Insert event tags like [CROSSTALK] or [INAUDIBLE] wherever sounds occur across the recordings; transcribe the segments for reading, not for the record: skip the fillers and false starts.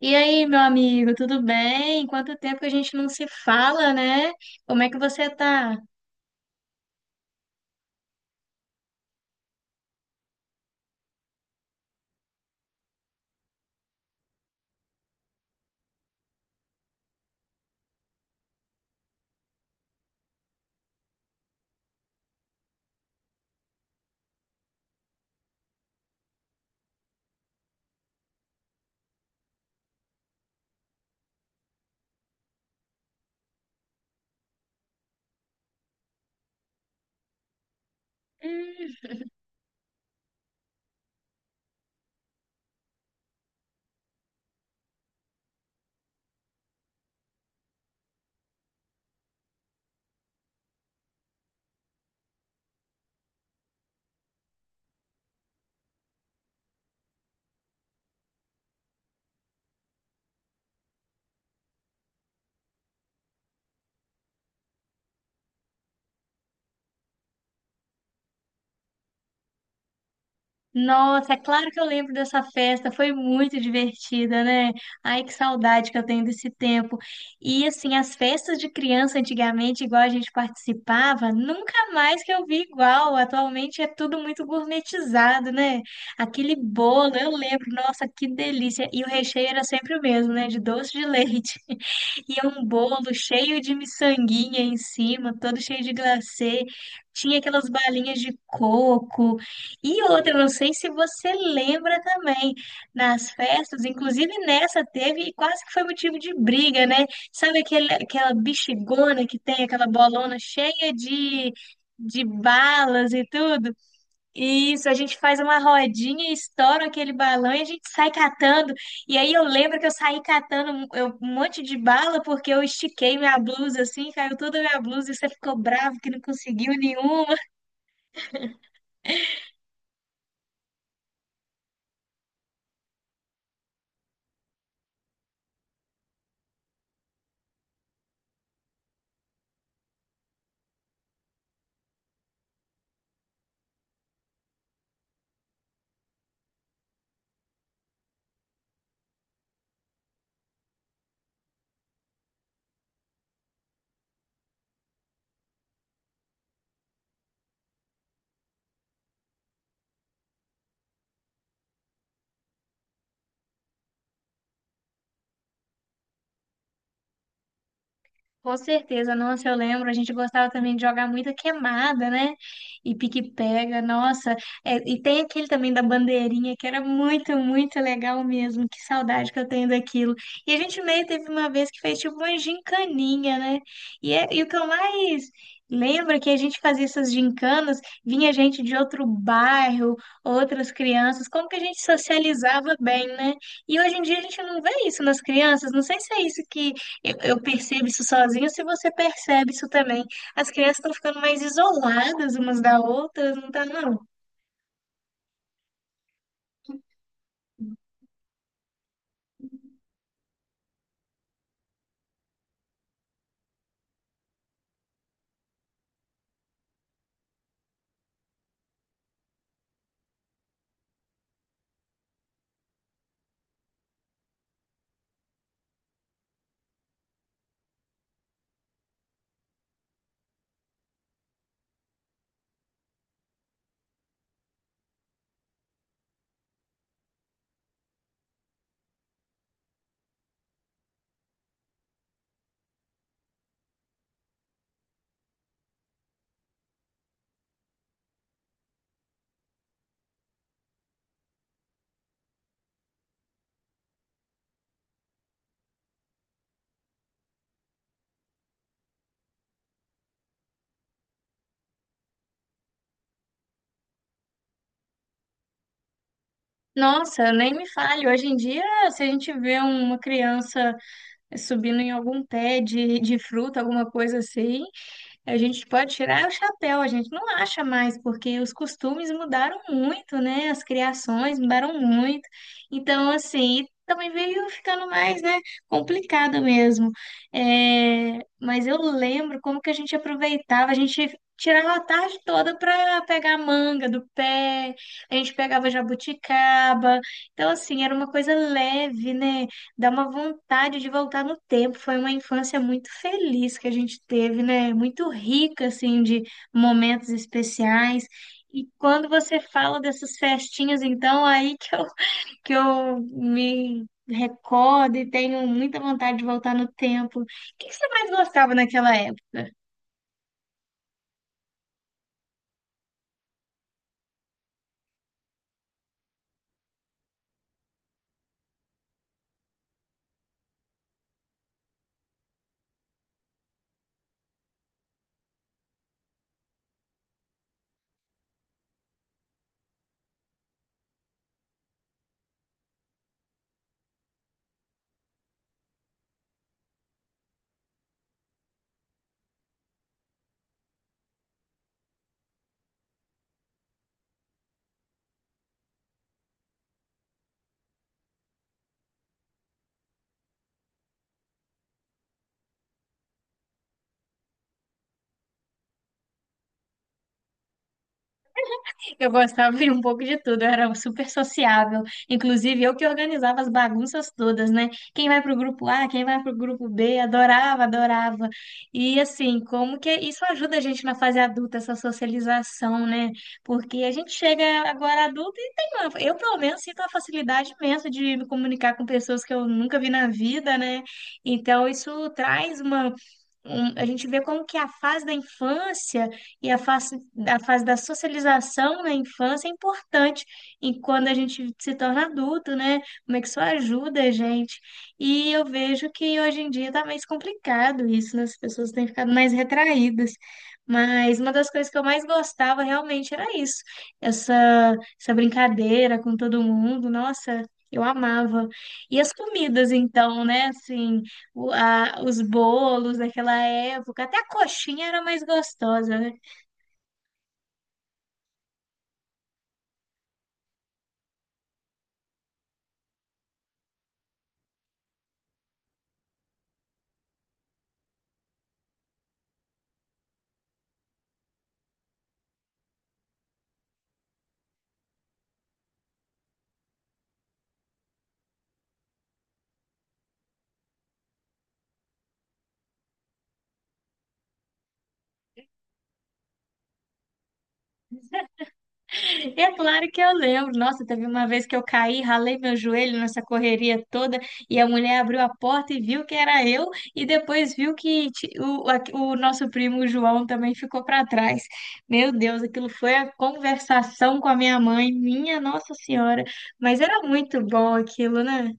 E aí, meu amigo, tudo bem? Quanto tempo que a gente não se fala, né? Como é que você tá? Hum. Nossa, é claro que eu lembro dessa festa, foi muito divertida, né? Ai, que saudade que eu tenho desse tempo. E assim, as festas de criança antigamente, igual a gente participava, nunca mais que eu vi igual. Atualmente é tudo muito gourmetizado, né? Aquele bolo, eu lembro, nossa, que delícia. E o recheio era sempre o mesmo, né? De doce de leite. E é um bolo cheio de miçanguinha em cima, todo cheio de glacê. Tinha aquelas balinhas de coco. E outra, não sei se você lembra também, nas festas, inclusive nessa teve, e quase que foi motivo de briga, né? Sabe aquele, aquela bexigona que tem, aquela bolona cheia de balas e tudo? Isso, a gente faz uma rodinha, estoura aquele balão e a gente sai catando. E aí eu lembro que eu saí catando um monte de bala porque eu estiquei minha blusa assim, caiu toda a minha blusa e você ficou bravo que não conseguiu nenhuma. Com certeza, nossa, eu lembro, a gente gostava também de jogar muita queimada, né? E pique-pega, nossa. É, e tem aquele também da bandeirinha, que era muito, muito legal mesmo. Que saudade que eu tenho daquilo. E a gente meio teve uma vez que fez tipo uma gincaninha, né? E o que eu mais lembro é que a gente fazia essas gincanas, vinha gente de outro bairro, outras crianças, como que a gente socializava bem, né? E hoje em dia a gente não vê isso nas crianças, não sei se é isso que eu percebo isso sozinha, se você percebe isso também. As crianças estão ficando mais isoladas umas da outra, não tá, não? Nossa, nem me fale. Hoje em dia, se a gente vê uma criança subindo em algum pé de fruta, alguma coisa assim, a gente pode tirar o chapéu, a gente não acha mais, porque os costumes mudaram muito, né? As criações mudaram muito. Então, assim, também veio ficando mais, né, complicado mesmo. É, mas eu lembro como que a gente aproveitava, a gente tirava a tarde toda para pegar manga do pé, a gente pegava jabuticaba. Então, assim, era uma coisa leve, né? Dá uma vontade de voltar no tempo. Foi uma infância muito feliz que a gente teve, né? Muito rica, assim, de momentos especiais. E quando você fala dessas festinhas, então, aí que eu, [LAUGHS] que eu me recordo e tenho muita vontade de voltar no tempo. O que que você mais gostava naquela época? Eu gostava de um pouco de tudo, eu era super sociável. Inclusive, eu que organizava as bagunças todas, né? Quem vai pro grupo A, quem vai pro grupo B, adorava, adorava. E assim, como que isso ajuda a gente na fase adulta, essa socialização, né? Porque a gente chega agora adulto e tem uma... Eu, pelo menos, sinto uma facilidade imensa de me comunicar com pessoas que eu nunca vi na vida, né? Então, isso traz uma. A gente vê como que a fase da infância e a fase da socialização na infância é importante e quando a gente se torna adulto, né? Como é que isso ajuda a gente? E eu vejo que hoje em dia está mais complicado isso, né? As pessoas têm ficado mais retraídas. Mas uma das coisas que eu mais gostava realmente era isso, essa, essa brincadeira com todo mundo. Nossa, eu amava. E as comidas, então, né? Assim, os bolos daquela época, até a coxinha era mais gostosa, né? É claro que eu lembro. Nossa, teve uma vez que eu caí, ralei meu joelho nessa correria toda e a mulher abriu a porta e viu que era eu e depois viu que o nosso primo João também ficou para trás. Meu Deus, aquilo foi a conversação com a minha mãe, minha Nossa Senhora. Mas era muito bom aquilo, né?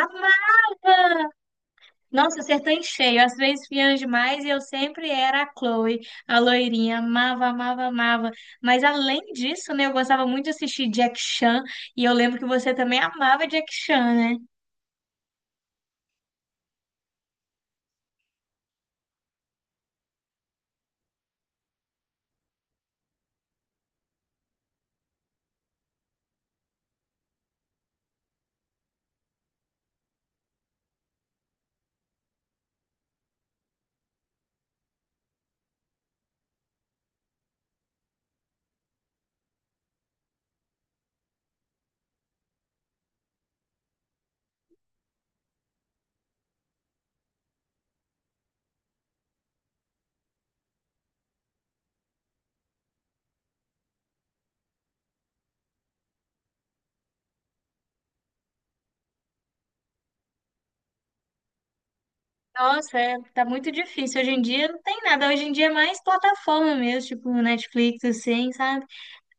Amava! Nossa, acertou em cheio. Às vezes fiange demais e eu sempre era a Chloe, a loirinha. Amava, amava, amava. Mas além disso, né, eu gostava muito de assistir Jack Chan e eu lembro que você também amava Jack Chan, né? Nossa, é, tá muito difícil. Hoje em dia não tem nada. Hoje em dia é mais plataforma mesmo, tipo Netflix, assim, sabe?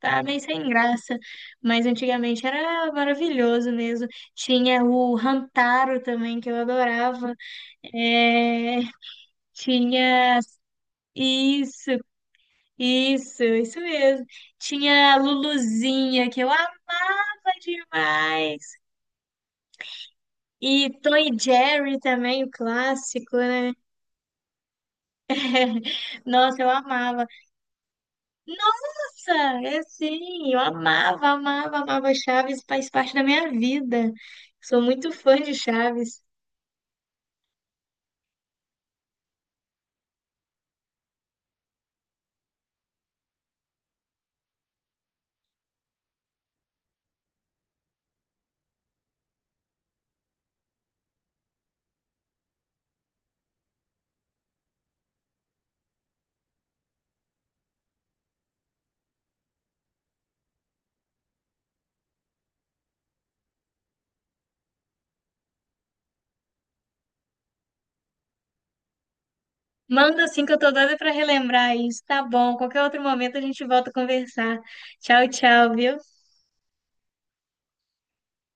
Tá meio sem graça. Mas antigamente era maravilhoso mesmo. Tinha o Hantaro também, que eu adorava. É, tinha. Isso, isso mesmo. Tinha a Luluzinha, que eu amava demais. E Tom e Jerry também, o clássico, né? [LAUGHS] Nossa, eu amava. Nossa, é sim, eu amava, amava, amava Chaves, faz parte da minha vida. Sou muito fã de Chaves. Manda assim que eu tô doida pra relembrar isso, tá bom? Qualquer outro momento a gente volta a conversar. Tchau, tchau, viu?